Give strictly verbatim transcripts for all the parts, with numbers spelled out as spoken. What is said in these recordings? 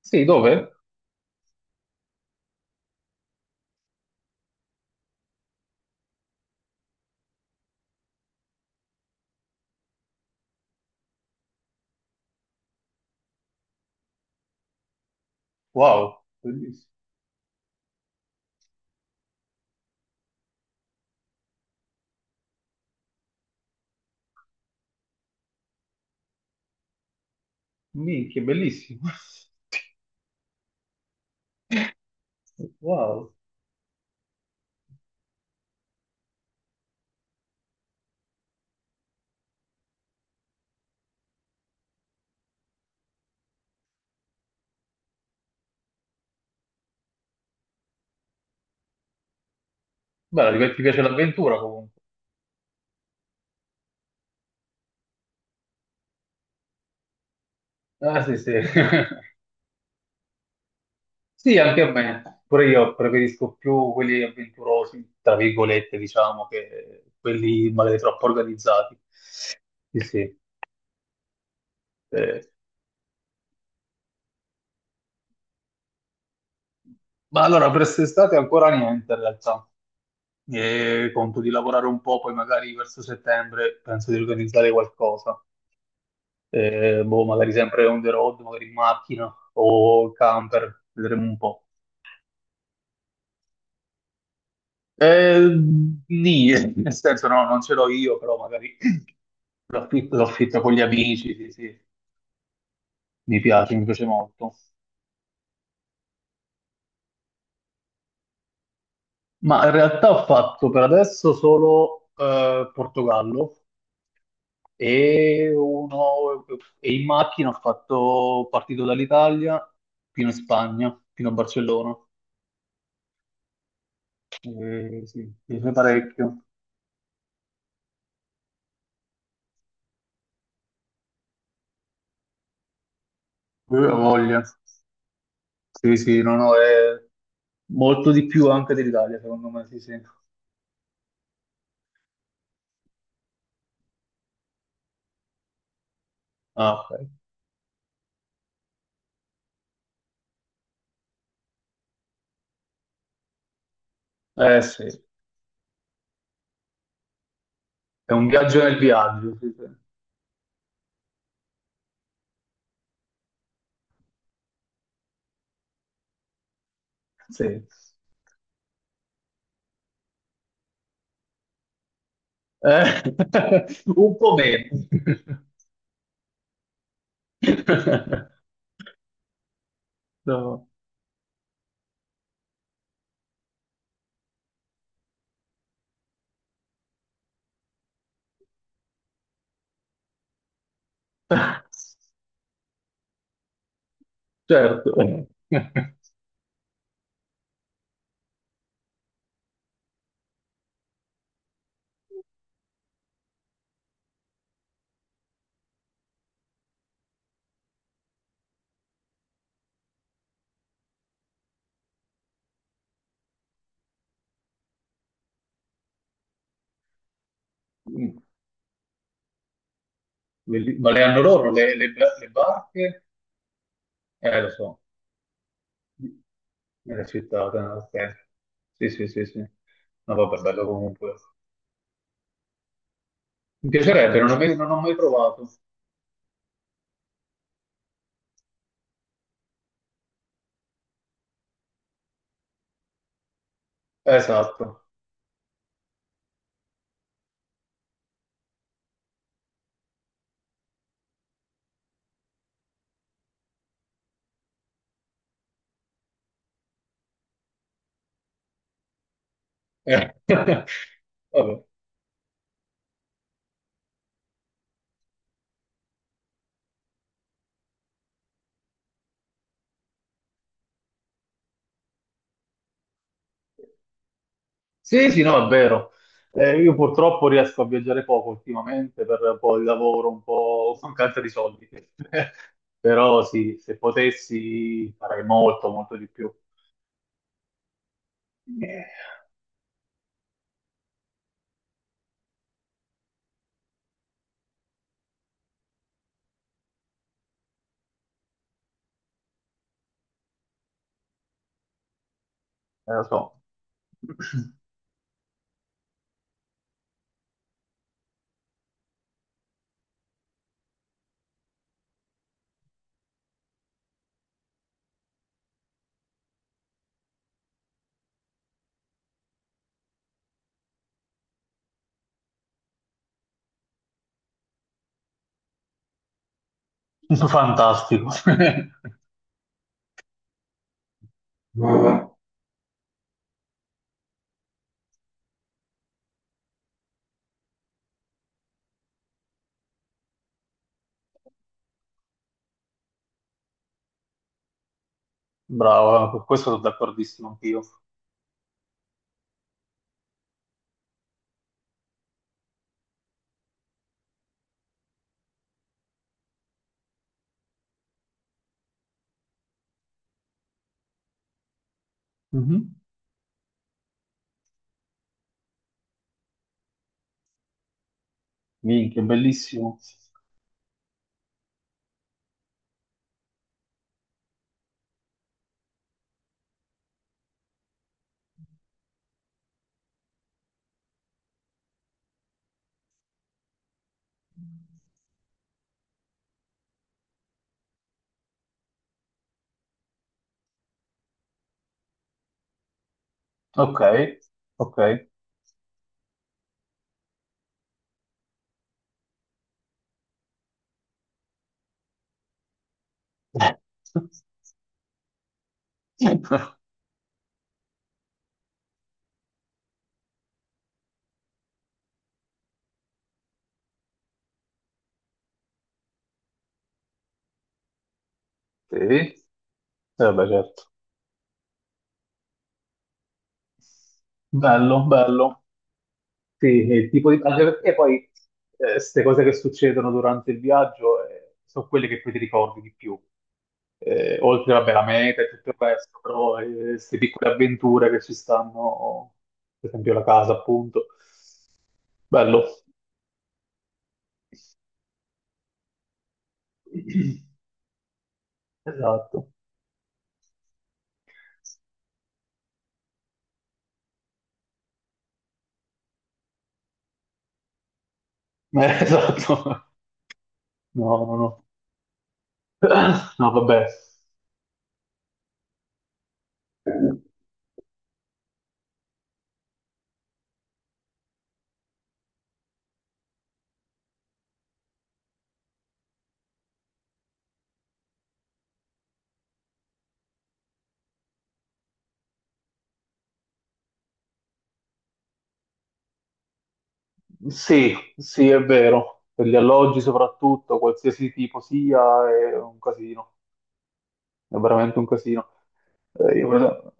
Sì, dove? Wow, bellissimo. Minchia, bellissimo. Wow. Beh, ti ti piace l'avventura comunque. Ah, sì, sì. Sì, anche a me. Pure io preferisco più quelli avventurosi, tra virgolette, diciamo, che quelli magari troppo organizzati. Sì, sì. Eh, Ma allora, per quest'estate ancora niente, in realtà. E conto di lavorare un po', poi magari verso settembre penso di organizzare qualcosa. Eh, boh, magari sempre on the road, magari in macchina o camper, vedremo un po'. Eh, Nì, nel senso no, non ce l'ho io, però magari l'affitto, l'affitto con gli amici, sì, sì, mi piace, mi piace molto. Ma in realtà ho fatto per adesso solo eh, Portogallo e, uno, e in macchina ho fatto partito dall'Italia fino in Spagna, fino a Barcellona. Eh, sì, mi piace parecchio. Eh, ho voglia. Sì, sì, no, no, è molto di più anche dell'Italia, secondo me, sì, sì. Ah, ok. Eh sì, è un viaggio nel viaggio, sì, sì. Sì. Eh, un po' meno. No. Certo. Mm. Belli- Ma le hanno loro le, le- ba- le barche? Eh, lo so, nella città, ok. Ok. Sì, sì, sì, sì. No, vabbè, bello comunque. Mi piacerebbe, non ho mai, non ho mai provato. Esatto. Eh. Vabbè. Sì, sì, no, è vero. Eh, io purtroppo riesco a viaggiare poco ultimamente per un po' il lavoro, un po' mancanza di soldi. Però sì, se potessi farei molto, molto di più. Eh, lo so. Fantastico. Bravo, su questo sono d'accordissimo anch'io. Mhm. Minchia, bellissimo. Ok, ok. Sì, eh beh, certo. Bello, bello. Sì, sì, il tipo di… Anche perché poi queste cose che succedono durante il viaggio eh, sono quelle che poi ti ricordi di più. Eh, oltre, vabbè, la meta e tutto il resto, però queste piccole avventure che ci stanno, per esempio la casa, appunto. Bello. Esatto. Eh, esatto. No, no, no. No, vabbè. Sì, sì, è vero. Per gli alloggi soprattutto, qualsiasi tipo sia, è un casino. È veramente un casino. Eh, io per es-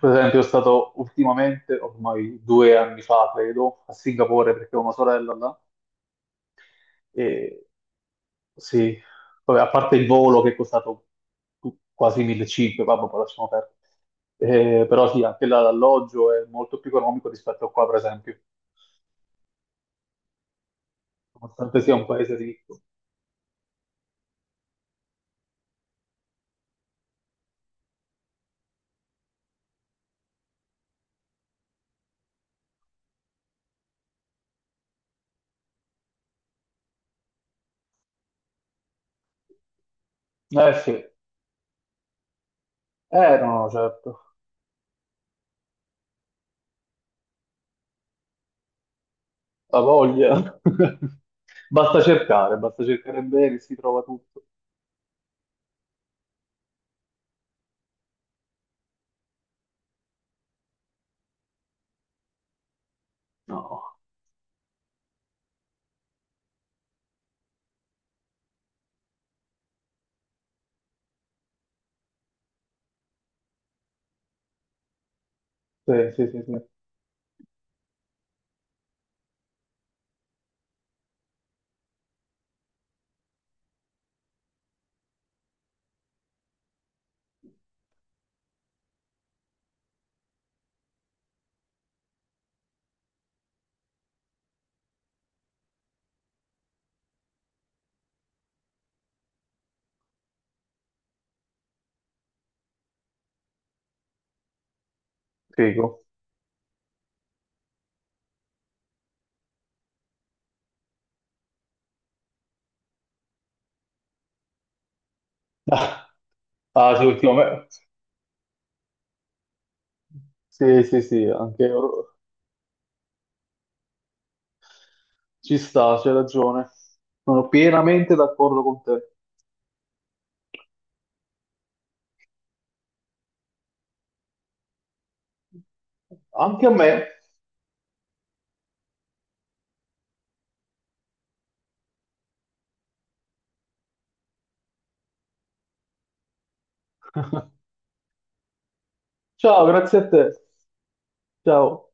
per esempio, sono stato ultimamente, ormai due anni fa, credo, a Singapore perché ho una sorella là. E sì, vabbè, a parte il volo che è costato tu- quasi millecinquecento, vabbè, poi lasciamo perdere. Eh, però sì, anche là l'alloggio è molto più economico rispetto a qua, per esempio, nonostante sia un paese ricco. Eh sì. Eh no, certo, la voglia. Basta cercare, basta cercare bene, si trova tutto. No, sì, sì, sì, sì. Figo. Ah, ah, sì, ultimamente. Sì, sì, sì, anche io- ci sta, c'è ragione. Sono pienamente d'accordo con te. Anche a me. Ciao, grazie a te. Ciao.